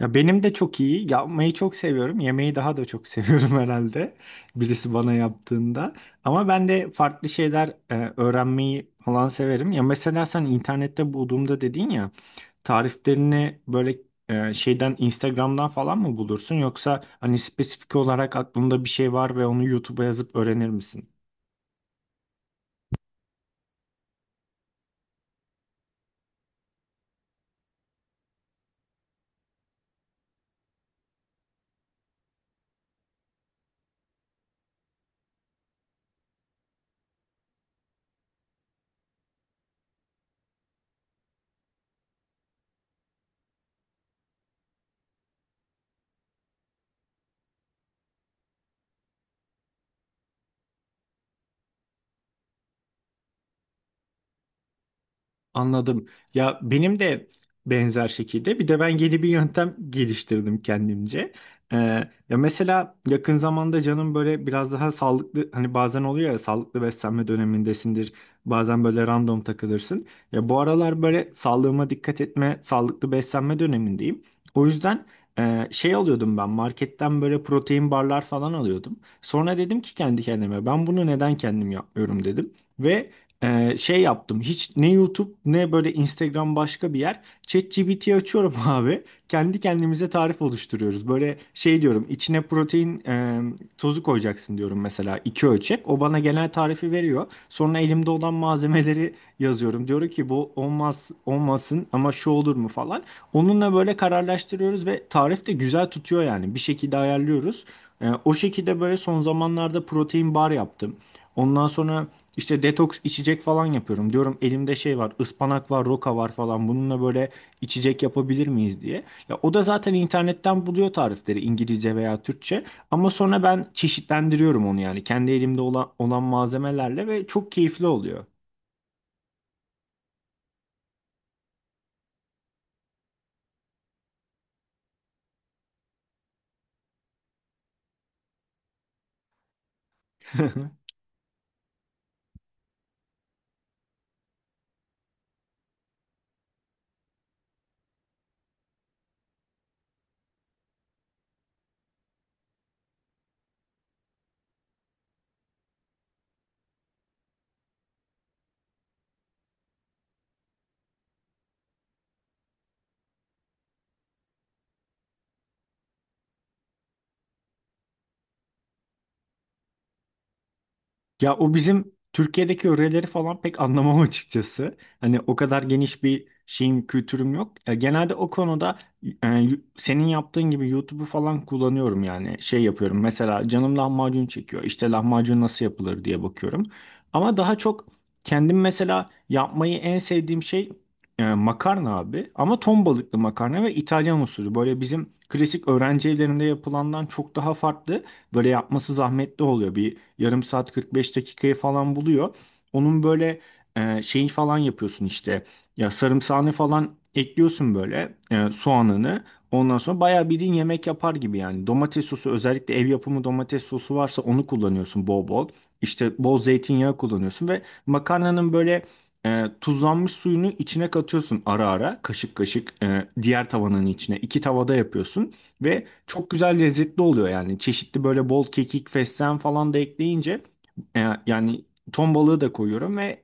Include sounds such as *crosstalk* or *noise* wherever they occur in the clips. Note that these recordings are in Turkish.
Ya benim de çok iyi. Yapmayı çok seviyorum. Yemeği daha da çok seviyorum *laughs* herhalde. Birisi bana yaptığında. Ama ben de farklı şeyler öğrenmeyi falan severim. Ya mesela sen internette bulduğumda dedin ya tariflerini böyle şeyden Instagram'dan falan mı bulursun yoksa hani spesifik olarak aklında bir şey var ve onu YouTube'a yazıp öğrenir misin? Anladım. Ya benim de benzer şekilde bir de ben yeni bir yöntem geliştirdim kendimce. Ee, Ya mesela yakın zamanda canım böyle biraz daha sağlıklı hani bazen oluyor ya sağlıklı beslenme dönemindesindir. Bazen böyle random takılırsın. Ya bu aralar böyle sağlığıma dikkat etme, sağlıklı beslenme dönemindeyim. O yüzden şey alıyordum ben marketten böyle protein barlar falan alıyordum. Sonra dedim ki kendi kendime ben bunu neden kendim yapmıyorum dedim ve şey yaptım. Hiç ne YouTube ne böyle Instagram başka bir yer. ChatGPT 'yi açıyorum *laughs* abi. Kendi kendimize tarif oluşturuyoruz. Böyle şey diyorum. İçine protein tozu koyacaksın diyorum mesela. İki ölçek. O bana genel tarifi veriyor. Sonra elimde olan malzemeleri yazıyorum. Diyorum ki bu olmaz olmasın ama şu olur mu falan. Onunla böyle kararlaştırıyoruz ve tarif de güzel tutuyor yani. Bir şekilde ayarlıyoruz. O şekilde böyle son zamanlarda protein bar yaptım. Ondan sonra işte detoks içecek falan yapıyorum. Diyorum elimde şey var, ıspanak var, roka var falan. Bununla böyle içecek yapabilir miyiz diye. Ya o da zaten internetten buluyor tarifleri İngilizce veya Türkçe. Ama sonra ben çeşitlendiriyorum onu yani kendi elimde olan malzemelerle ve çok keyifli oluyor. *laughs* Ya o bizim Türkiye'deki öğreleri falan pek anlamam açıkçası. Hani o kadar geniş bir şeyim, kültürüm yok. E, genelde o konuda senin yaptığın gibi YouTube'u falan kullanıyorum yani. Şey yapıyorum mesela canım lahmacun çekiyor. İşte lahmacun nasıl yapılır diye bakıyorum. Ama daha çok kendim mesela yapmayı en sevdiğim şey makarna abi. Ama ton balıklı makarna ve İtalyan usulü. Böyle bizim klasik öğrenci evlerinde yapılandan çok daha farklı. Böyle yapması zahmetli oluyor, bir yarım saat 45 dakikayı falan buluyor. Onun böyle şeyi falan yapıyorsun işte. Ya sarımsağını falan ekliyorsun böyle soğanını. Ondan sonra bayağı bildiğin yemek yapar gibi yani. Domates sosu, özellikle ev yapımı domates sosu varsa, onu kullanıyorsun bol bol. İşte bol zeytinyağı kullanıyorsun ve makarnanın böyle tuzlanmış suyunu içine katıyorsun ara ara kaşık kaşık diğer tavanın içine. İki tavada yapıyorsun ve çok güzel lezzetli oluyor yani. Çeşitli böyle bol kekik, fesleğen falan da ekleyince e, yani ton balığı da koyuyorum ve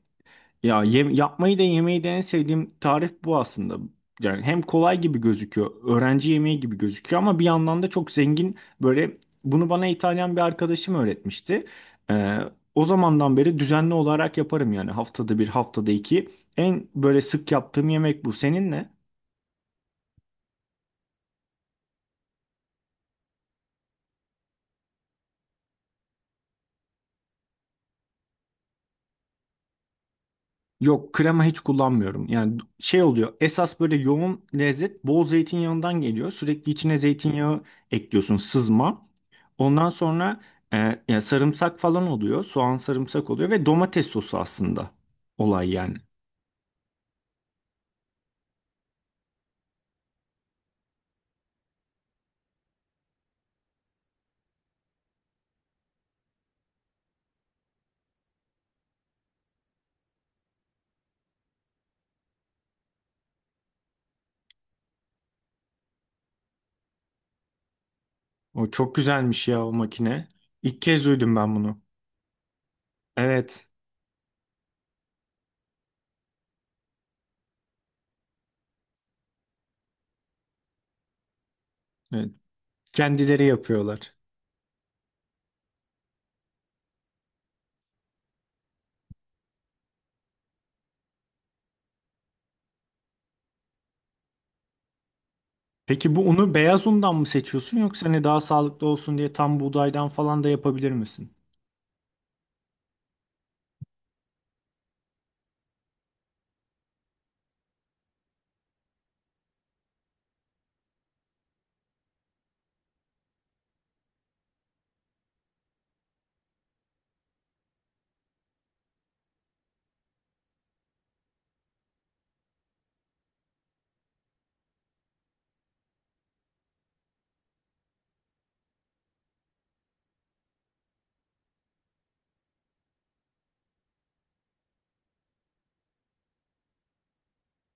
ya yapmayı da yemeyi de en sevdiğim tarif bu aslında. Yani hem kolay gibi gözüküyor, öğrenci yemeği gibi gözüküyor ama bir yandan da çok zengin böyle. Bunu bana İtalyan bir arkadaşım öğretmişti. E, O zamandan beri düzenli olarak yaparım yani, haftada bir, haftada iki. En böyle sık yaptığım yemek bu. Senin ne? Yok, krema hiç kullanmıyorum. Yani şey oluyor. Esas böyle yoğun lezzet bol zeytinyağından geliyor. Sürekli içine zeytinyağı ekliyorsun, sızma. Ondan sonra ya sarımsak falan oluyor. Soğan, sarımsak oluyor ve domates sosu aslında olay yani. O çok güzelmiş ya o makine. İlk kez duydum ben bunu. Evet. Evet. Kendileri yapıyorlar. Peki bu unu beyaz undan mı seçiyorsun yoksa hani daha sağlıklı olsun diye tam buğdaydan falan da yapabilir misin?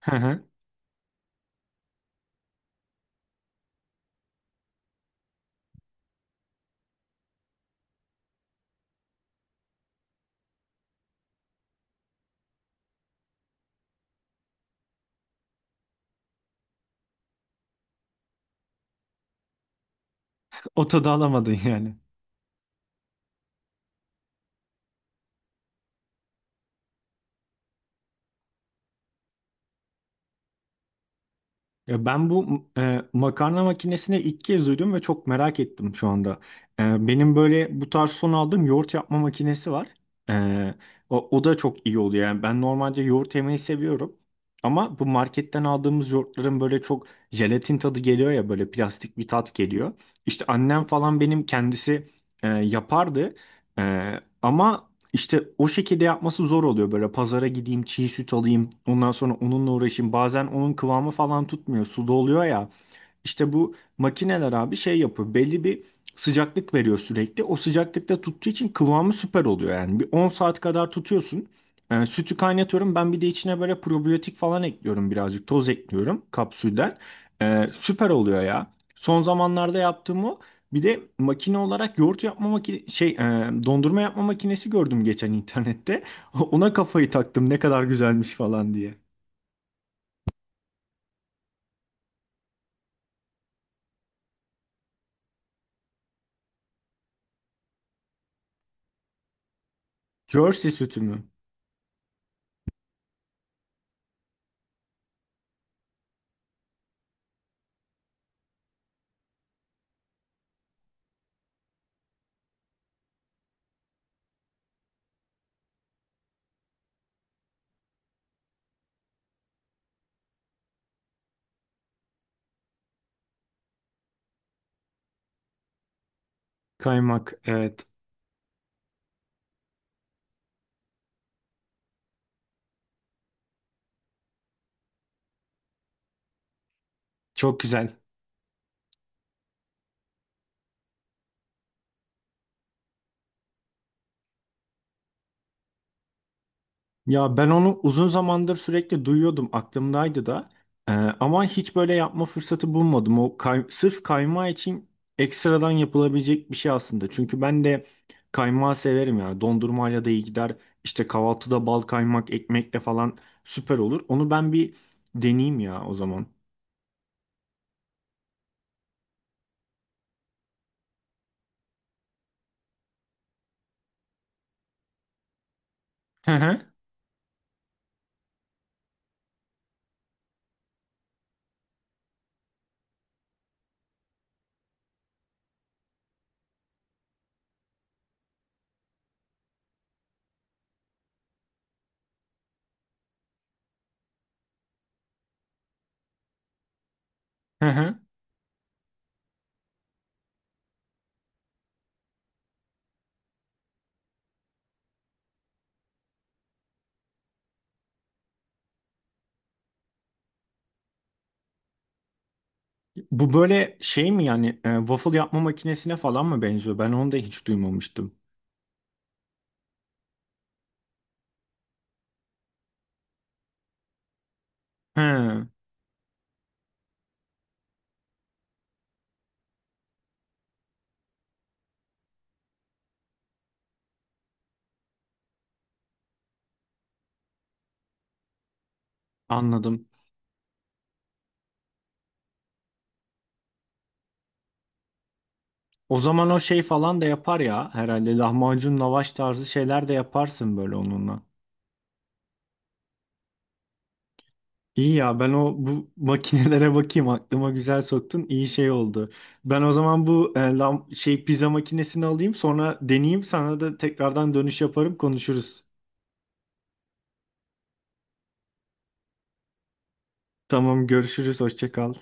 Hı hı. O tadı alamadın yani. Ya ben bu makarna makinesini ilk kez duydum ve çok merak ettim şu anda. E, benim böyle bu tarz son aldığım yoğurt yapma makinesi var. E, o da çok iyi oluyor. Yani ben normalde yoğurt yemeyi seviyorum. Ama bu marketten aldığımız yoğurtların böyle çok jelatin tadı geliyor ya, böyle plastik bir tat geliyor. İşte annem falan benim kendisi yapardı. E, ama işte o şekilde yapması zor oluyor, böyle pazara gideyim çiğ süt alayım ondan sonra onunla uğraşayım, bazen onun kıvamı falan tutmuyor, suda oluyor ya. İşte bu makineler abi şey yapıyor. Belli bir sıcaklık veriyor sürekli. O sıcaklıkta tuttuğu için kıvamı süper oluyor yani. Bir 10 saat kadar tutuyorsun. Sütü kaynatıyorum. Ben bir de içine böyle probiyotik falan ekliyorum birazcık. Toz ekliyorum kapsülden. Süper oluyor ya. Son zamanlarda yaptığım o. Bir de makine olarak yoğurt yapma makine dondurma yapma makinesi gördüm geçen internette. *laughs* Ona kafayı taktım, ne kadar güzelmiş falan diye. Jersey sütü mü? Kaymak, evet. Çok güzel. Ya ben onu uzun zamandır sürekli duyuyordum, aklımdaydı da. Ama hiç böyle yapma fırsatı bulmadım. O sırf kaymağı için ekstradan yapılabilecek bir şey aslında. Çünkü ben de kaymağı severim yani. Dondurmayla da iyi gider. İşte kahvaltıda bal kaymak ekmekle falan süper olur. Onu ben bir deneyeyim ya o zaman. Hı hı. Hı hı. Bu böyle şey mi yani, waffle yapma makinesine falan mı benziyor? Ben onu da hiç duymamıştım. He, anladım. O zaman o şey falan da yapar ya. Herhalde lahmacun, lavaş tarzı şeyler de yaparsın böyle onunla. İyi ya, ben o bu makinelere bakayım, aklıma güzel soktun. İyi şey oldu. Ben o zaman bu pizza makinesini alayım, sonra deneyeyim, sana da tekrardan dönüş yaparım, konuşuruz. Tamam, görüşürüz, hoşça kal.